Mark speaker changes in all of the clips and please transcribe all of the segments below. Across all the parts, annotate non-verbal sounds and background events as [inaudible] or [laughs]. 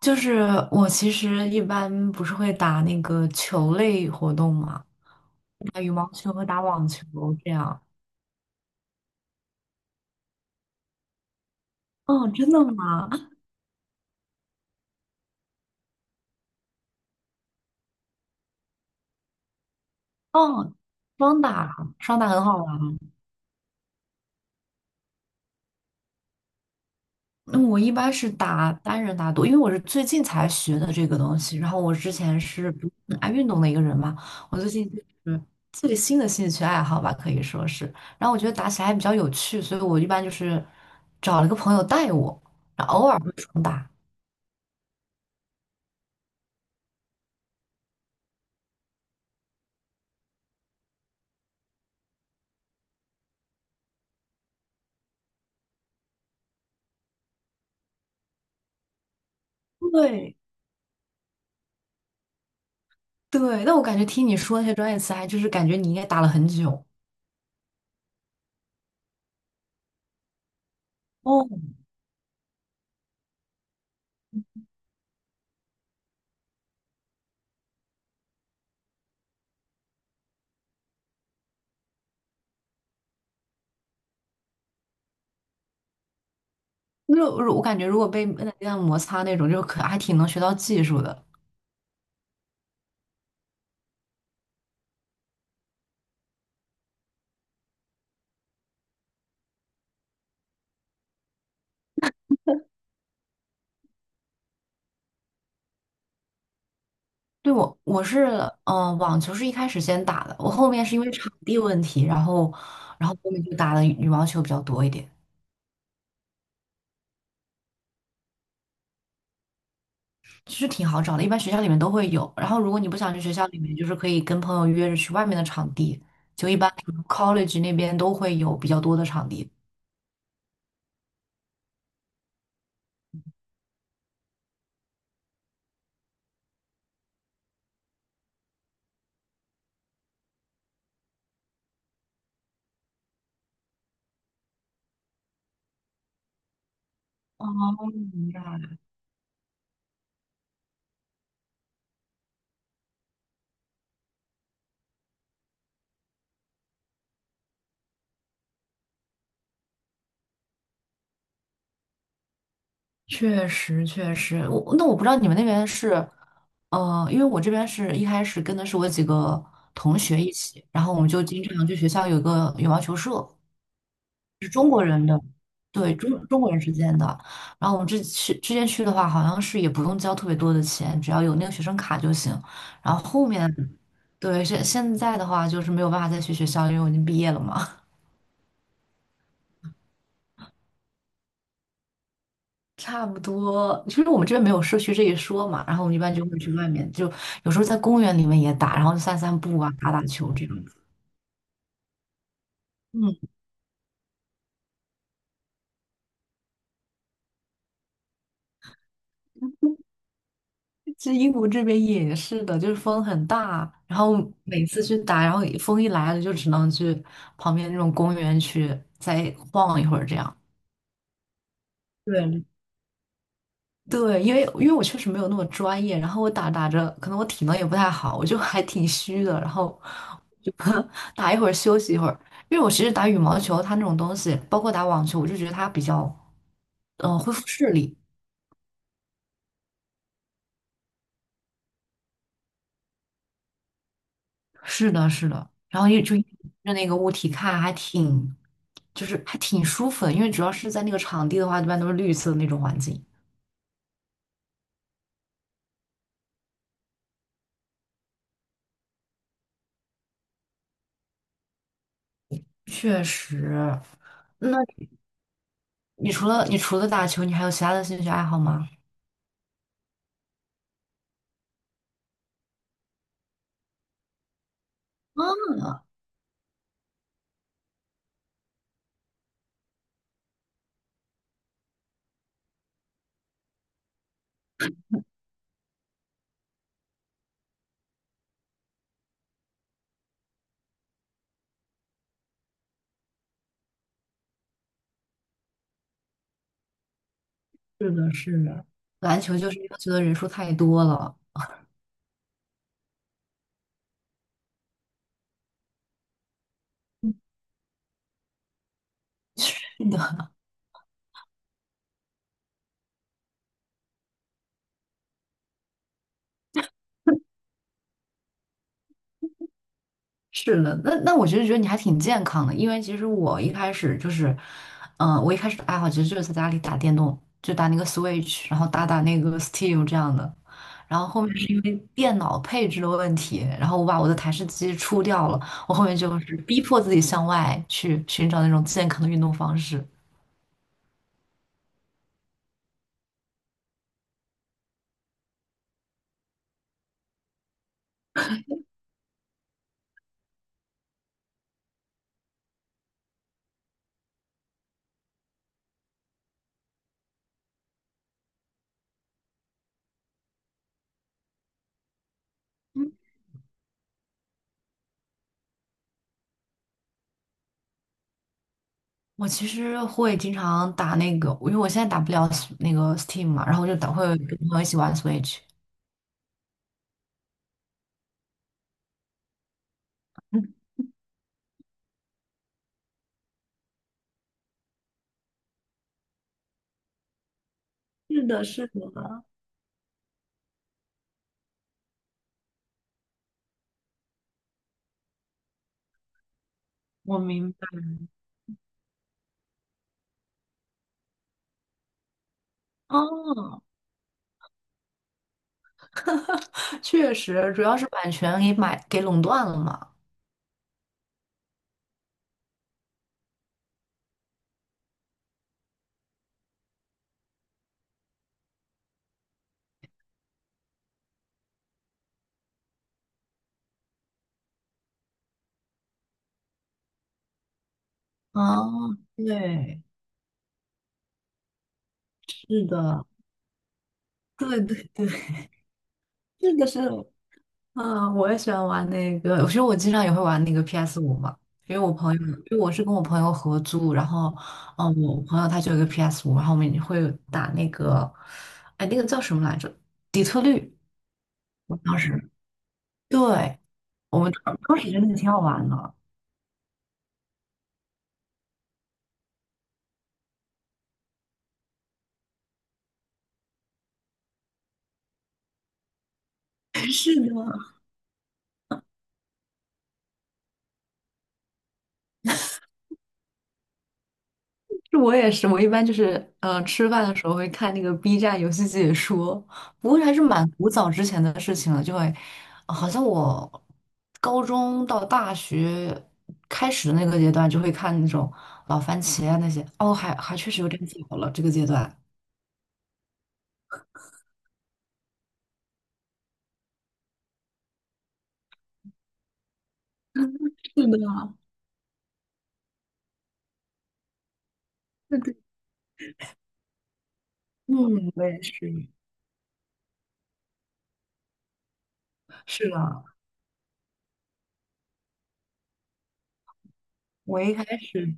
Speaker 1: 就是我其实一般不是会打那个球类活动嘛，打羽毛球和打网球这样。哦，真的吗？哦，双打，双打很好玩。那我一般是打单人打多，因为我是最近才学的这个东西。然后我之前是不是很爱运动的一个人嘛，我最近就是最新的兴趣爱好吧，可以说是。然后我觉得打起来还比较有趣，所以我一般就是找了个朋友带我，然后偶尔会双打。对，对，但我感觉听你说那些专业词，还就是感觉你应该打了很久。哦，那我感觉如果被摁在地上摩擦那种，就可还挺能学到技术的。对，我我是嗯，网球是一开始先打的，我后面是因为场地问题，然后后面就打的羽毛球比较多一点，其实挺好找的，一般学校里面都会有。然后如果你不想去学校里面，就是可以跟朋友约着去外面的场地，就一般 college 那边都会有比较多的场地。哦，明白。确实，确实，我那我不知道你们那边是，因为我这边是一开始跟的是我几个同学一起，然后我们就经常去学校有个羽毛球社，对，中国人之间的，然后我们这去之前去的话，好像是也不用交特别多的钱，只要有那个学生卡就行。然后后面，对，现在的话就是没有办法再去学校，因为我已经毕业了嘛。差不多，其实我们这边没有社区这一说嘛，然后我们一般就会去外面，就有时候在公园里面也打，然后散散步啊，打打球这种。嗯，其实英国这边也是的，就是风很大，然后每次去打，然后风一来了就只能去旁边那种公园去再晃一会儿这样。对，对，因为我确实没有那么专业，然后我打打着，可能我体能也不太好，我就还挺虚的，然后就 [laughs] 打一会儿休息一会儿。因为我其实打羽毛球，它那种东西，包括打网球，我就觉得它比较，嗯，恢复视力。是的，是的，然后一就一直盯着那个物体看，还挺，就是还挺舒服的，因为主要是在那个场地的话，一般都是绿色的那种环境。确实，那你除了打球，你还有其他的兴趣爱好吗？是的，是的，篮球就是要求的人数太多了。[laughs] 是的，是的，那我得觉得你还挺健康的，因为其实我一开始就是，嗯，我一开始的爱好其实就是在家里打电动，就打那个 Switch，然后打打那个 Steam 这样的。然后后面是因为电脑配置的问题，然后我把我的台式机出掉了，我后面就是逼迫自己向外去寻找那种健康的运动方式。我其实会经常打那个，因为我现在打不了 那个 Steam 嘛，然后我就打会跟朋友一起玩 Switch。是的，是的，我明哦，确实主要是版权给买给垄断了嘛。哦，对，是的，对对对，是的，是的，啊，我也喜欢玩那个，其实我经常也会玩那个 p s 五嘛，因为我朋友，因为我是跟我朋友合租，然后，嗯，我朋友他就有个 p s 五，然后我们也会打那个，哎，那个叫什么来着？底特律。当时对，我们当时真的挺好玩的。[laughs] 是的，就我也是，我一般就是吃饭的时候会看那个 B 站游戏解说，不过还是蛮古早之前的事情了，就会好像我高中到大学开始的那个阶段就会看那种老番茄啊那些，哦，还确实有点早了这个阶段。是的，对对，嗯，我也是。是的，我一开始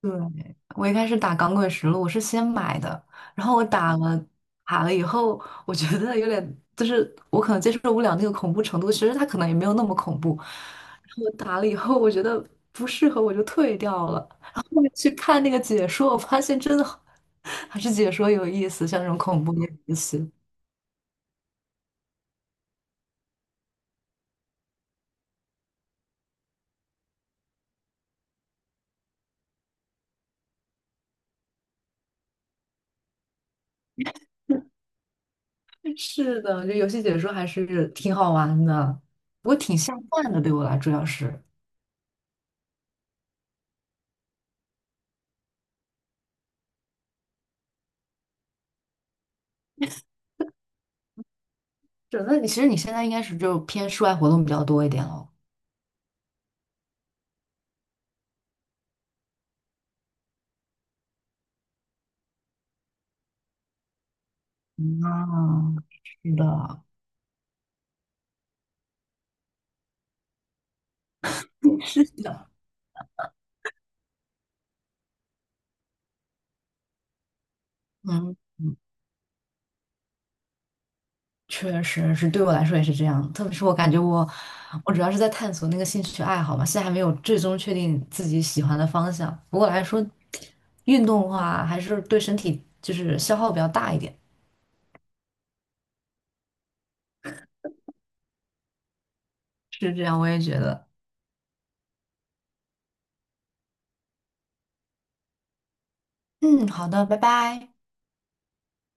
Speaker 1: 对，我一开始打《钢滚实录》了，我是先买的，然后我打了以后，我觉得有点，就是我可能接受不了那个恐怖程度，其实它可能也没有那么恐怖。然后我打了以后，我觉得不适合，我就退掉了。然后后面去看那个解说，我发现真的好 [laughs] 还是解说有意思，像这种恐怖的游戏。[laughs] 是的，这游戏解说还是挺好玩的，不过挺下饭的，对我来主要是。是，那你其实你现在应该是就偏室外活动比较多一点了。啊，是的，是的，嗯，确实是对我来说也是这样。特别是我感觉我，我主要是在探索那个兴趣爱好嘛，现在还没有最终确定自己喜欢的方向。不过来说，运动的话还是对身体就是消耗比较大一点，是这样，我也觉得。嗯，好的，拜拜。